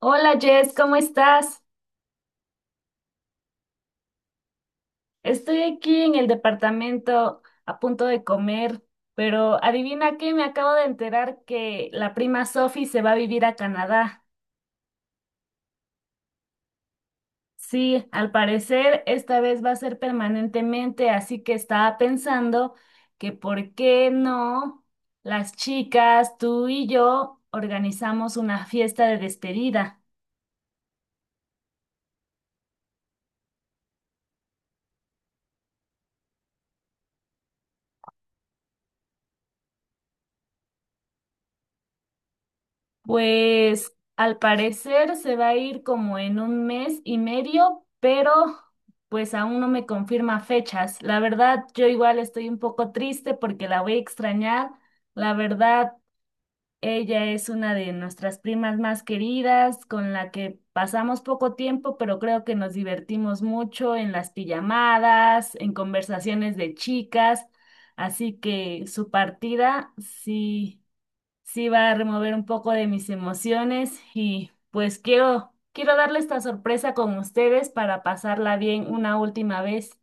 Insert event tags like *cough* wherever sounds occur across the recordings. Hola Jess, ¿cómo estás? Estoy aquí en el departamento a punto de comer, pero adivina qué, me acabo de enterar que la prima Sophie se va a vivir a Canadá. Sí, al parecer esta vez va a ser permanentemente, así que estaba pensando que por qué no las chicas, tú y yo, organizamos una fiesta de despedida. Pues al parecer se va a ir como en un mes y medio, pero pues aún no me confirma fechas. La verdad, yo igual estoy un poco triste porque la voy a extrañar. La verdad, ella es una de nuestras primas más queridas, con la que pasamos poco tiempo, pero creo que nos divertimos mucho en las pijamadas, en conversaciones de chicas. Así que su partida sí. Sí, va a remover un poco de mis emociones y pues quiero, quiero darle esta sorpresa con ustedes para pasarla bien una última vez.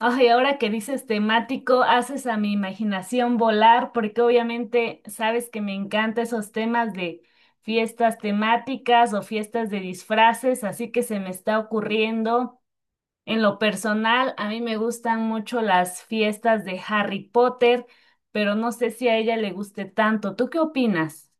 Ay, ahora que dices temático, haces a mi imaginación volar porque obviamente sabes que me encantan esos temas de fiestas temáticas o fiestas de disfraces, así que se me está ocurriendo. En lo personal, a mí me gustan mucho las fiestas de Harry Potter, pero no sé si a ella le guste tanto. ¿Tú qué opinas?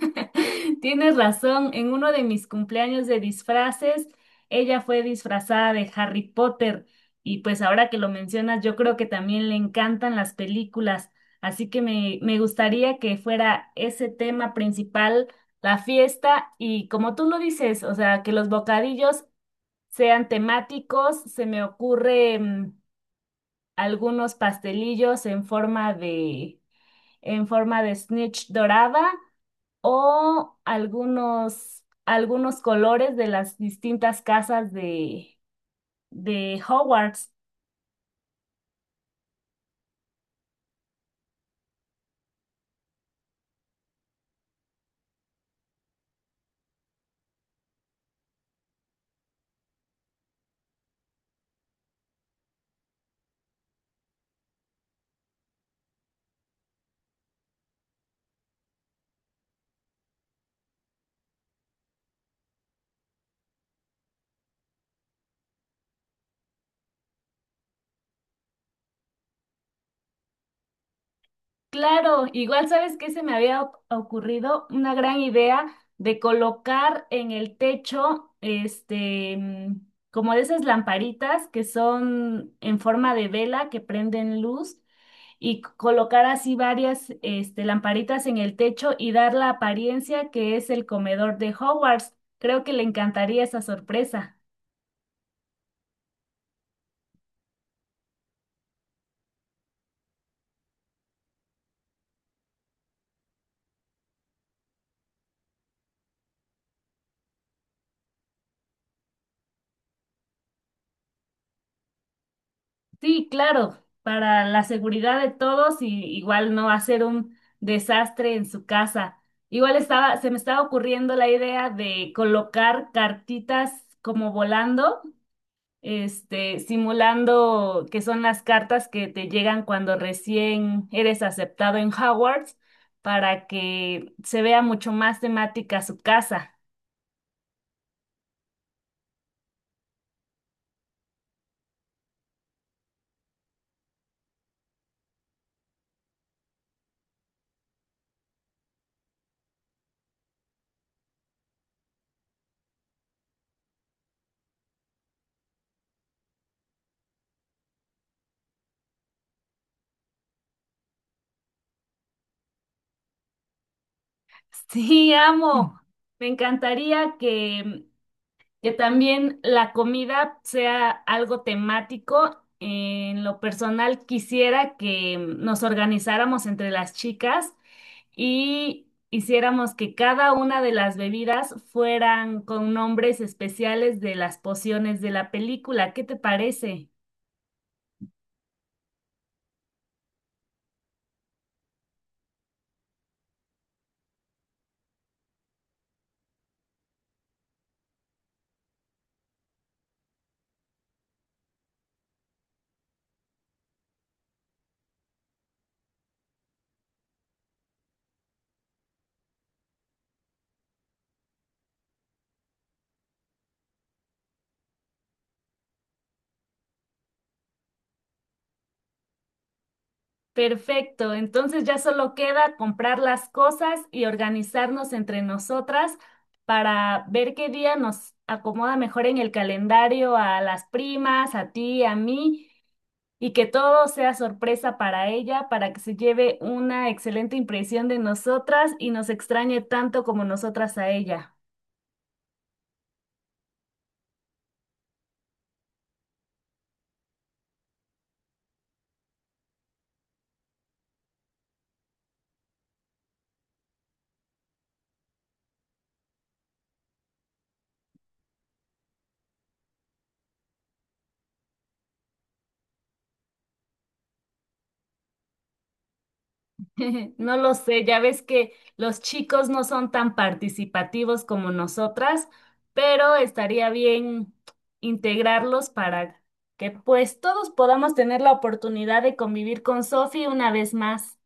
*laughs* Tienes razón, en uno de mis cumpleaños de disfraces, ella fue disfrazada de Harry Potter y pues ahora que lo mencionas, yo creo que también le encantan las películas, así que me gustaría que fuera ese tema principal, la fiesta y como tú lo dices, o sea, que los bocadillos sean temáticos, se me ocurre algunos pastelillos en forma de snitch dorada o algunos, algunos colores de las distintas casas de Hogwarts. Claro, igual sabes que se me había ocurrido una gran idea de colocar en el techo, este, como de esas lamparitas que son en forma de vela que prenden luz y colocar así varias, este, lamparitas en el techo y dar la apariencia que es el comedor de Hogwarts. Creo que le encantaría esa sorpresa. Sí, claro, para la seguridad de todos y igual no hacer un desastre en su casa. Igual se me estaba ocurriendo la idea de colocar cartitas como volando, este, simulando que son las cartas que te llegan cuando recién eres aceptado en Hogwarts para que se vea mucho más temática su casa. *laughs* Sí, amo. Me encantaría que también la comida sea algo temático. En lo personal, quisiera que nos organizáramos entre las chicas y hiciéramos que cada una de las bebidas fueran con nombres especiales de las pociones de la película. ¿Qué te parece? Perfecto, entonces ya solo queda comprar las cosas y organizarnos entre nosotras para ver qué día nos acomoda mejor en el calendario a las primas, a ti, a mí, y que todo sea sorpresa para ella, para que se lleve una excelente impresión de nosotras y nos extrañe tanto como nosotras a ella. *laughs* No lo sé, ya ves que los chicos no son tan participativos como nosotras, pero estaría bien integrarlos para que pues todos podamos tener la oportunidad de convivir con Sophie una vez más.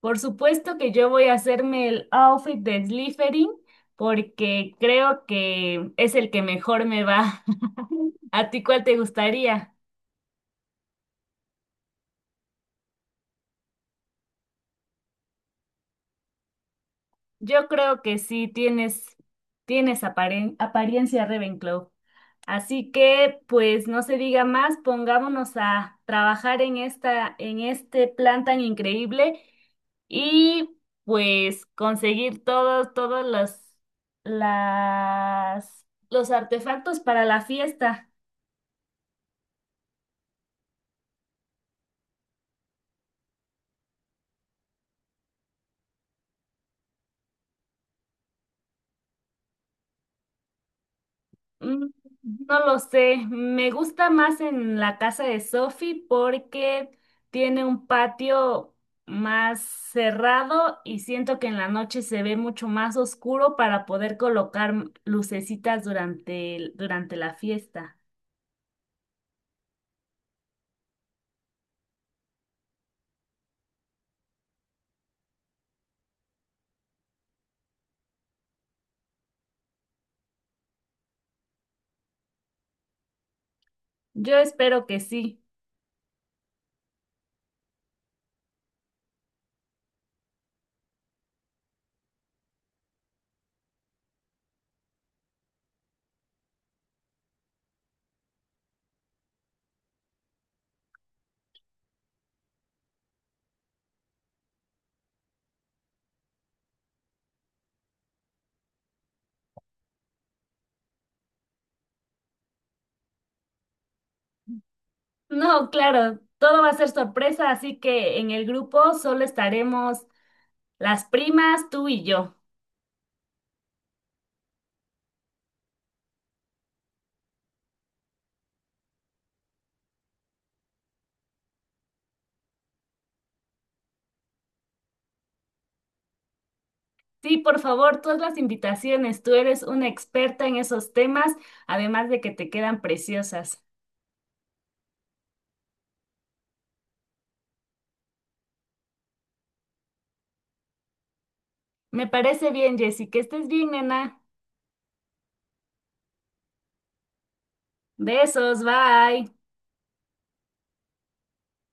Por supuesto que yo voy a hacerme el outfit de Slytherin porque creo que es el que mejor me va. *laughs* ¿A ti cuál te gustaría? Yo creo que sí tienes apariencia Ravenclaw. Así que, pues no se diga más, pongámonos a trabajar en en este plan tan increíble y pues conseguir todos las, los artefactos para la fiesta. Mm, No lo sé, me gusta más en la casa de Sophie porque tiene un patio más cerrado y siento que en la noche se ve mucho más oscuro para poder colocar lucecitas durante la fiesta. Yo espero que sí. No, claro, todo va a ser sorpresa, así que en el grupo solo estaremos las primas, tú y yo. Sí, por favor, todas las invitaciones. Tú eres una experta en esos temas, además de que te quedan preciosas. Me parece bien, Jessy, que estés bien, nena. Besos, bye.